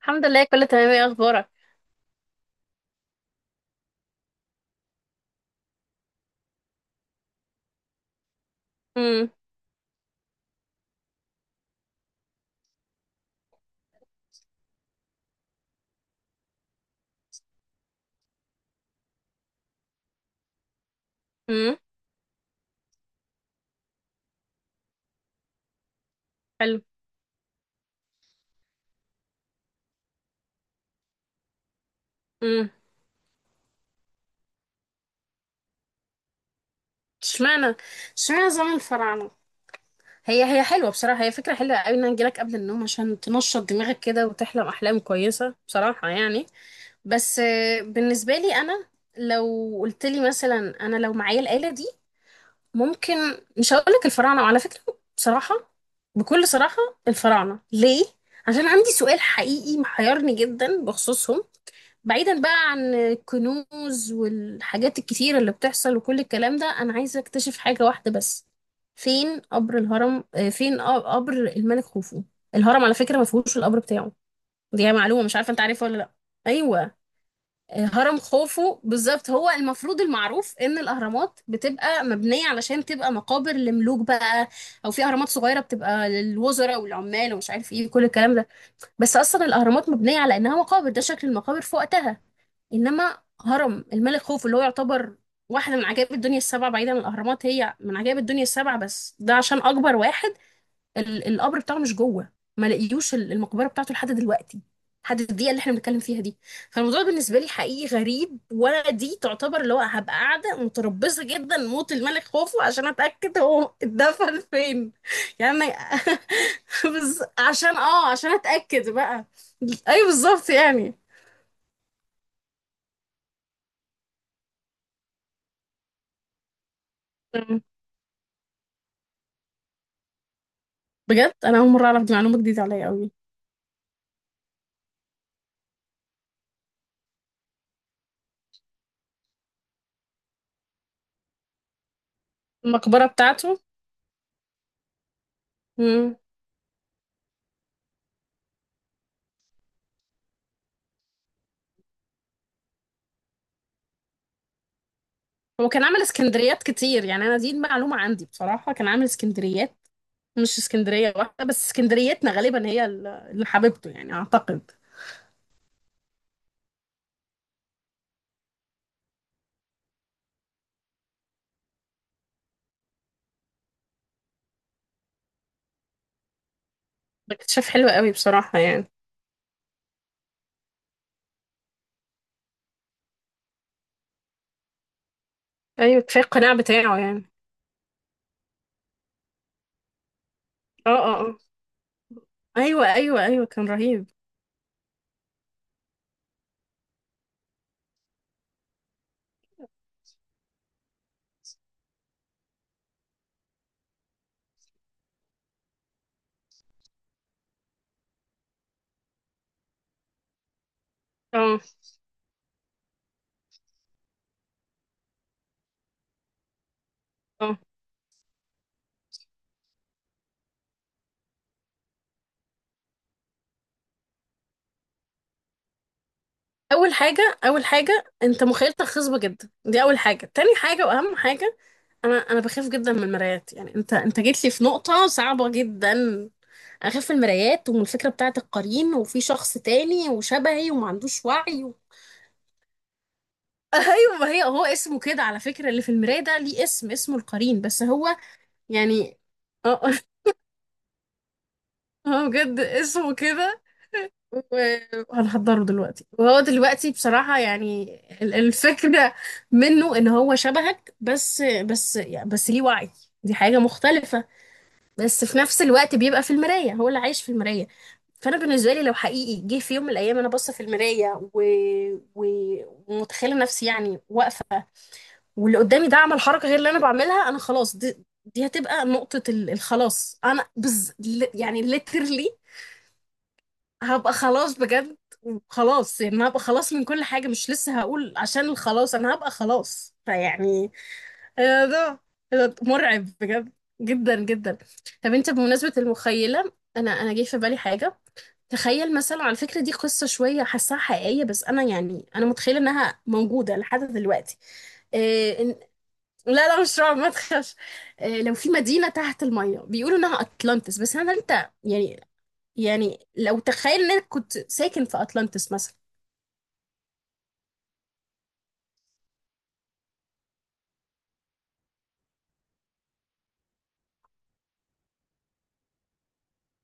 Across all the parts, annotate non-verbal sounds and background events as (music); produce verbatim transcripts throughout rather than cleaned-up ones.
الحمد لله، كله تمام. ايه اخبارك؟ امم. امم. حلو. امم. اشمعنى اشمعنى زمن الفراعنه؟ هي هي حلوه بصراحه، هي فكره حلوه قوي ان انا اجيلك قبل النوم عشان تنشط دماغك كده وتحلم احلام كويسه بصراحه يعني. بس آه، بالنسبه لي انا، لو قلت لي مثلا انا لو معايا الاله دي، ممكن مش هقول لك الفراعنه، وعلى فكره بصراحه، بكل صراحه الفراعنه ليه؟ عشان عندي سؤال حقيقي محيرني جدا بخصوصهم. بعيدا بقى عن الكنوز والحاجات الكتيرة اللي بتحصل وكل الكلام ده، أنا عايزة أكتشف حاجة واحدة بس. فين قبر الهرم، آه، فين ق- قبر الملك خوفو. الهرم على فكرة ما فيهوش القبر بتاعه. دي معلومة، مش عارفة أنت عارفها ولا لأ؟ أيوة. آه، هرم خوفو بالظبط، هو المفروض المعروف إن الأهرامات بتبقى مبنية علشان تبقى مقابر لملوك بقى، أو في أهرامات صغيرة بتبقى للوزراء والعمال ومش عارف إيه كل الكلام ده. بس أصلا الأهرامات مبنية على إنها مقابر، ده شكل المقابر في وقتها. انما هرم الملك خوف اللي هو يعتبر واحدة من عجائب الدنيا السبعة. بعيدا عن الأهرامات، هي من عجائب الدنيا السبعة، بس ده عشان أكبر واحد. ال- القبر بتاعه مش جوه. ما لقيوش ال- المقبرة بتاعته لحد دلوقتي، لحد الدقيقة اللي احنا بنتكلم فيها دي. فالموضوع بالنسبة لي حقيقي غريب، ولا دي تعتبر اللي هو هبقى قاعدة متربصة جدا موت الملك خوفو عشان أتأكد هو اتدفن فين. يعني (laughs) أنا- بز- عشان اه عشان أتأكد بقى. أيوه بالظبط يعني. بجد انا اول مره اعرف، دي معلومه جديده عليا قوي. المقبره بتاعته. مم. هو كان عامل اسكندريات كتير يعني. انا دي المعلومه عندي بصراحه، كان عامل اسكندريات، مش اسكندريه واحده بس. اسكندريتنا غالبا هي ال- اللي حبيبته يعني، اعتقد. اكتشاف حلو قوي بصراحه يعني. ايوه كفايه القناع بتاعه يعني. اه اه اه. ايوه ايوه ايوه، كان رهيب. اه اه. اول حاجه، اول حاجه، انت مخيلتك خصبه جدا، دي اول حاجه. تاني حاجه واهم حاجه، انا انا بخاف جدا من المرايات يعني، انت انت جيت لي في نقطه صعبه جدا. اخاف من المرايات، ومن الفكره بتاعه القرين، وفي شخص تاني وشبهي وما عندوش وعي. و... (laughs) ايوه، ما هي هو اسمه كده على فكره، اللي في المرايه ده ليه اسم، اسمه القرين، بس هو، يعني اه (laughs) هو بجد اسمه كده. وهنحضره دلوقتي، وهو دلوقتي بصراحه يعني ال- الفكره منه ان هو شبهك، بس بس يعني، بس ليه وعي، دي حاجه مختلفه. بس في نفس الوقت بيبقى في المراية، هو اللي عايش في المراية. فأنا بالنسبة لي لو حقيقي جه في يوم من الأيام أنا باصة في المراية و... و... ومتخيلة نفسي يعني واقفة، واللي قدامي ده عمل حركة غير اللي أنا بعملها، أنا خلاص. دي, دي هتبقى نقطة ال- الخلاص. أنا بز... ل- يعني literally هبقى خلاص بجد. خلاص يعني هبقى خلاص من كل حاجة، مش لسه هقول عشان الخلاص، أنا هبقى خلاص فيعني. الموضوع ده مرعب بجد، جدا جدا. طب انت بمناسبة المخيلة، انا انا جه في بالي حاجة. تخيل مثلا على فكرة، دي قصة شوية حاساها حقيقية، بس انا يعني انا متخيلة انها موجودة لحد دلوقتي. إيه؟ إن... لا لا، مش رعب، ما تخافش. إيه لو في مدينة تحت المية بيقولوا انها اطلانتس، بس انا انت يعني يعني لو تخيل انك كنت ساكن في اطلانتس مثلا.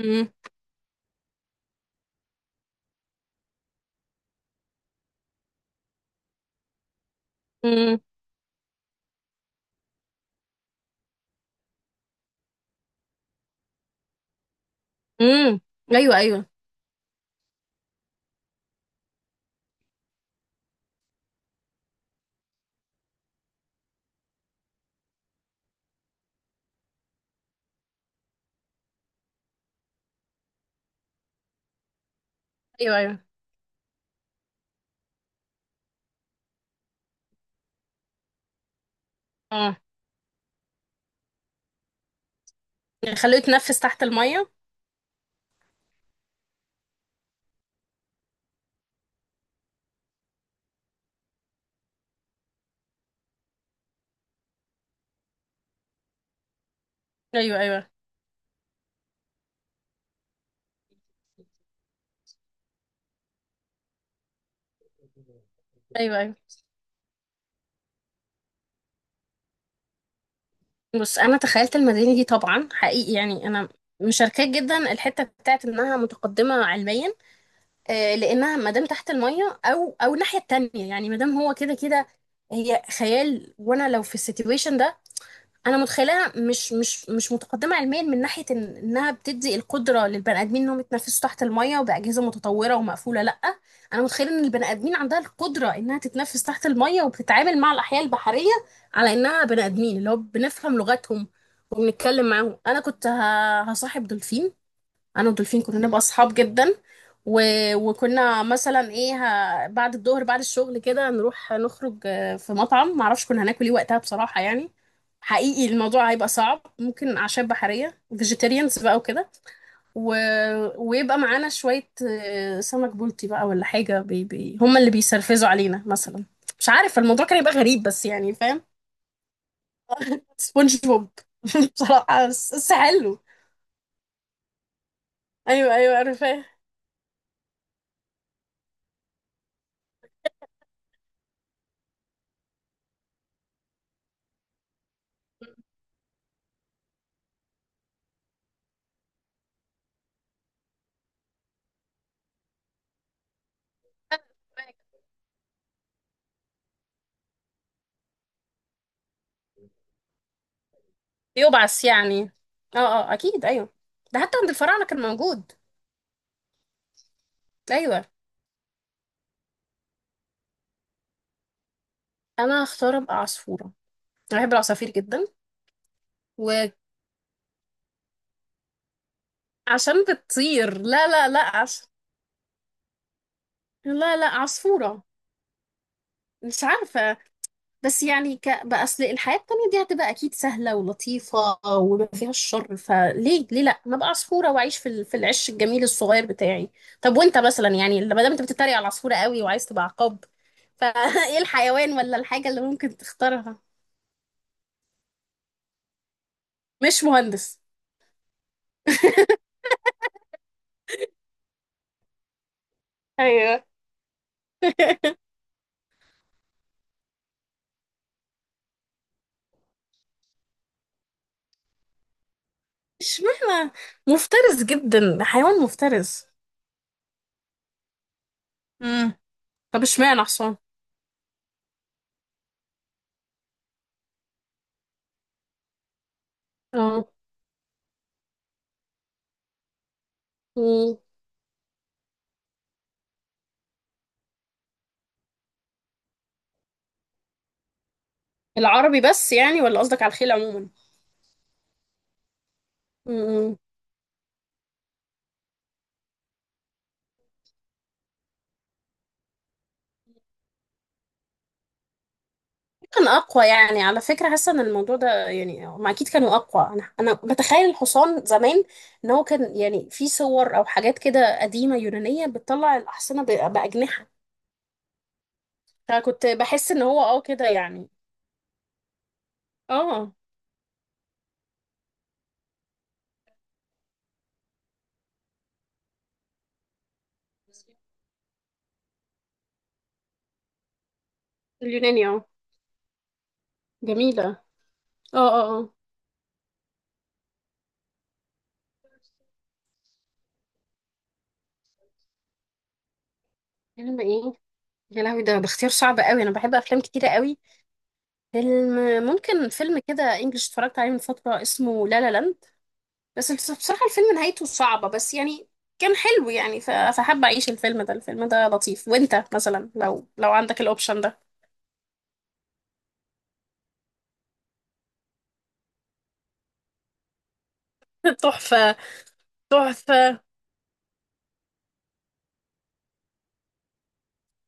امم. امم. امم. ايوه ايوه ايوه. ايوه اه. يعني خلوه يتنفس تحت المية. ايوه ايوه ايوه ايوه. بص انا تخيلت المدينه دي طبعا حقيقي يعني، انا مشاركاه جدا الحته بتاعت انها متقدمه علميا، آه، لانها مادام تحت الميه، او او الناحيه التانية يعني، مادام هو كده كده، هي خيال. وانا لو في السيتويشن ده، انا متخيلها مش مش مش متقدمه علميا من ناحيه إن انها بتدي القدره للبني ادمين انهم يتنفسوا تحت الميه وباجهزه متطوره ومقفوله، لا. انا متخيله ان البني ادمين عندها القدره انها تتنفس تحت الميه، وبتتعامل مع الاحياء البحريه على انها بني ادمين، اللي هو بنفهم لغتهم وبنتكلم معاهم. انا كنت ه- هصاحب دولفين. انا والدولفين كنا نبقى اصحاب جدا و... وكنا مثلا ايه، ه... بعد الظهر بعد الشغل كده نروح نخرج آه، في مطعم، معرفش كنا هناكل ايه وقتها بصراحة يعني. حقيقي الموضوع هيبقى صعب، ممكن أعشاب بحرية، فيجيتيريانز بقى وكده و... ويبقى معانا شوية آه، سمك بلطي بقى ولا حاجة، بي... بي... هما اللي بيسرفزوا علينا مثلا. مش عارف الموضوع كان يبقى غريب بس يعني، فاهم. سبونج بوب. (laughs) بصراحة، بس بس حلو. أيوه أيوه، أنا فاهم. (laughs) بيبعث يعني. اه اه، اكيد ايوه، ده حتى عند الفراعنه كان موجود. ايوه. انا هختار ابقى عصفوره، انا بحب العصافير جدا. وعشان بتطير. لا لا لا عش... لا لا عصفوره. مش عارفه. بس يعني ك... بقى اصل الحياه التانية دي هتبقى اكيد سهله ولطيفه وما فيهاش شر. فليه ليه لا، ما ابقى عصفوره واعيش في ال... في العش الجميل الصغير بتاعي. طب وانت مثلا، يعني لما دام انت بتتريق على العصفوره قوي وعايز تبقى عقاب، فايه (laughs) الحيوان ولا الحاجه اللي ممكن تختارها؟ مش مهندس. ايوه (laughs) اشمعنى؟ مفترس جدا، حيوان مفترس. امم. طب اشمعنى حصان؟ اه. مم. العربي بس يعني، ولا قصدك على الخيل عموما؟ مم. كان اقوى يعني، على فكره حاسه ان الموضوع ده يعني، هم اكيد كانوا اقوى. انا انا بتخيل الحصان زمان، ان هو كان يعني في صور او حاجات كده قديمه يونانيه بتطلع الاحصنه ب- باجنحه. فكنت بحس ان هو اه كده يعني. اه. اليوناني، اه. جميله. اه اه اه. انما ايه؟ يا لهوي، ده ده اختيار صعب قوي، انا بحب افلام كتيره قوي. فيلم، ممكن فيلم كده انجلش اتفرجت عليه من فتره اسمه لا لا لاند، بس بس بصراحه الفيلم نهايته صعبه، بس يعني كان حلو يعني. ف- فحابه اعيش الفيلم ده، الفيلم ده لطيف. وانت مثلا لو لو عندك الاوبشن ده؟ (laughs) تحفه، تحفه.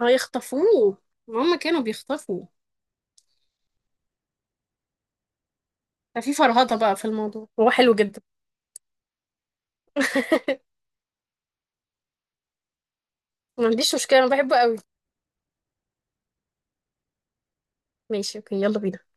هيخطفوه، هما كانوا بيخطفوا. ففي فرهضه بقى في الموضوع، هو حلو جدا. (laughs) ما عنديش مشكله، انا بحبه قوي. ماشي، اوكي، يلا بينا.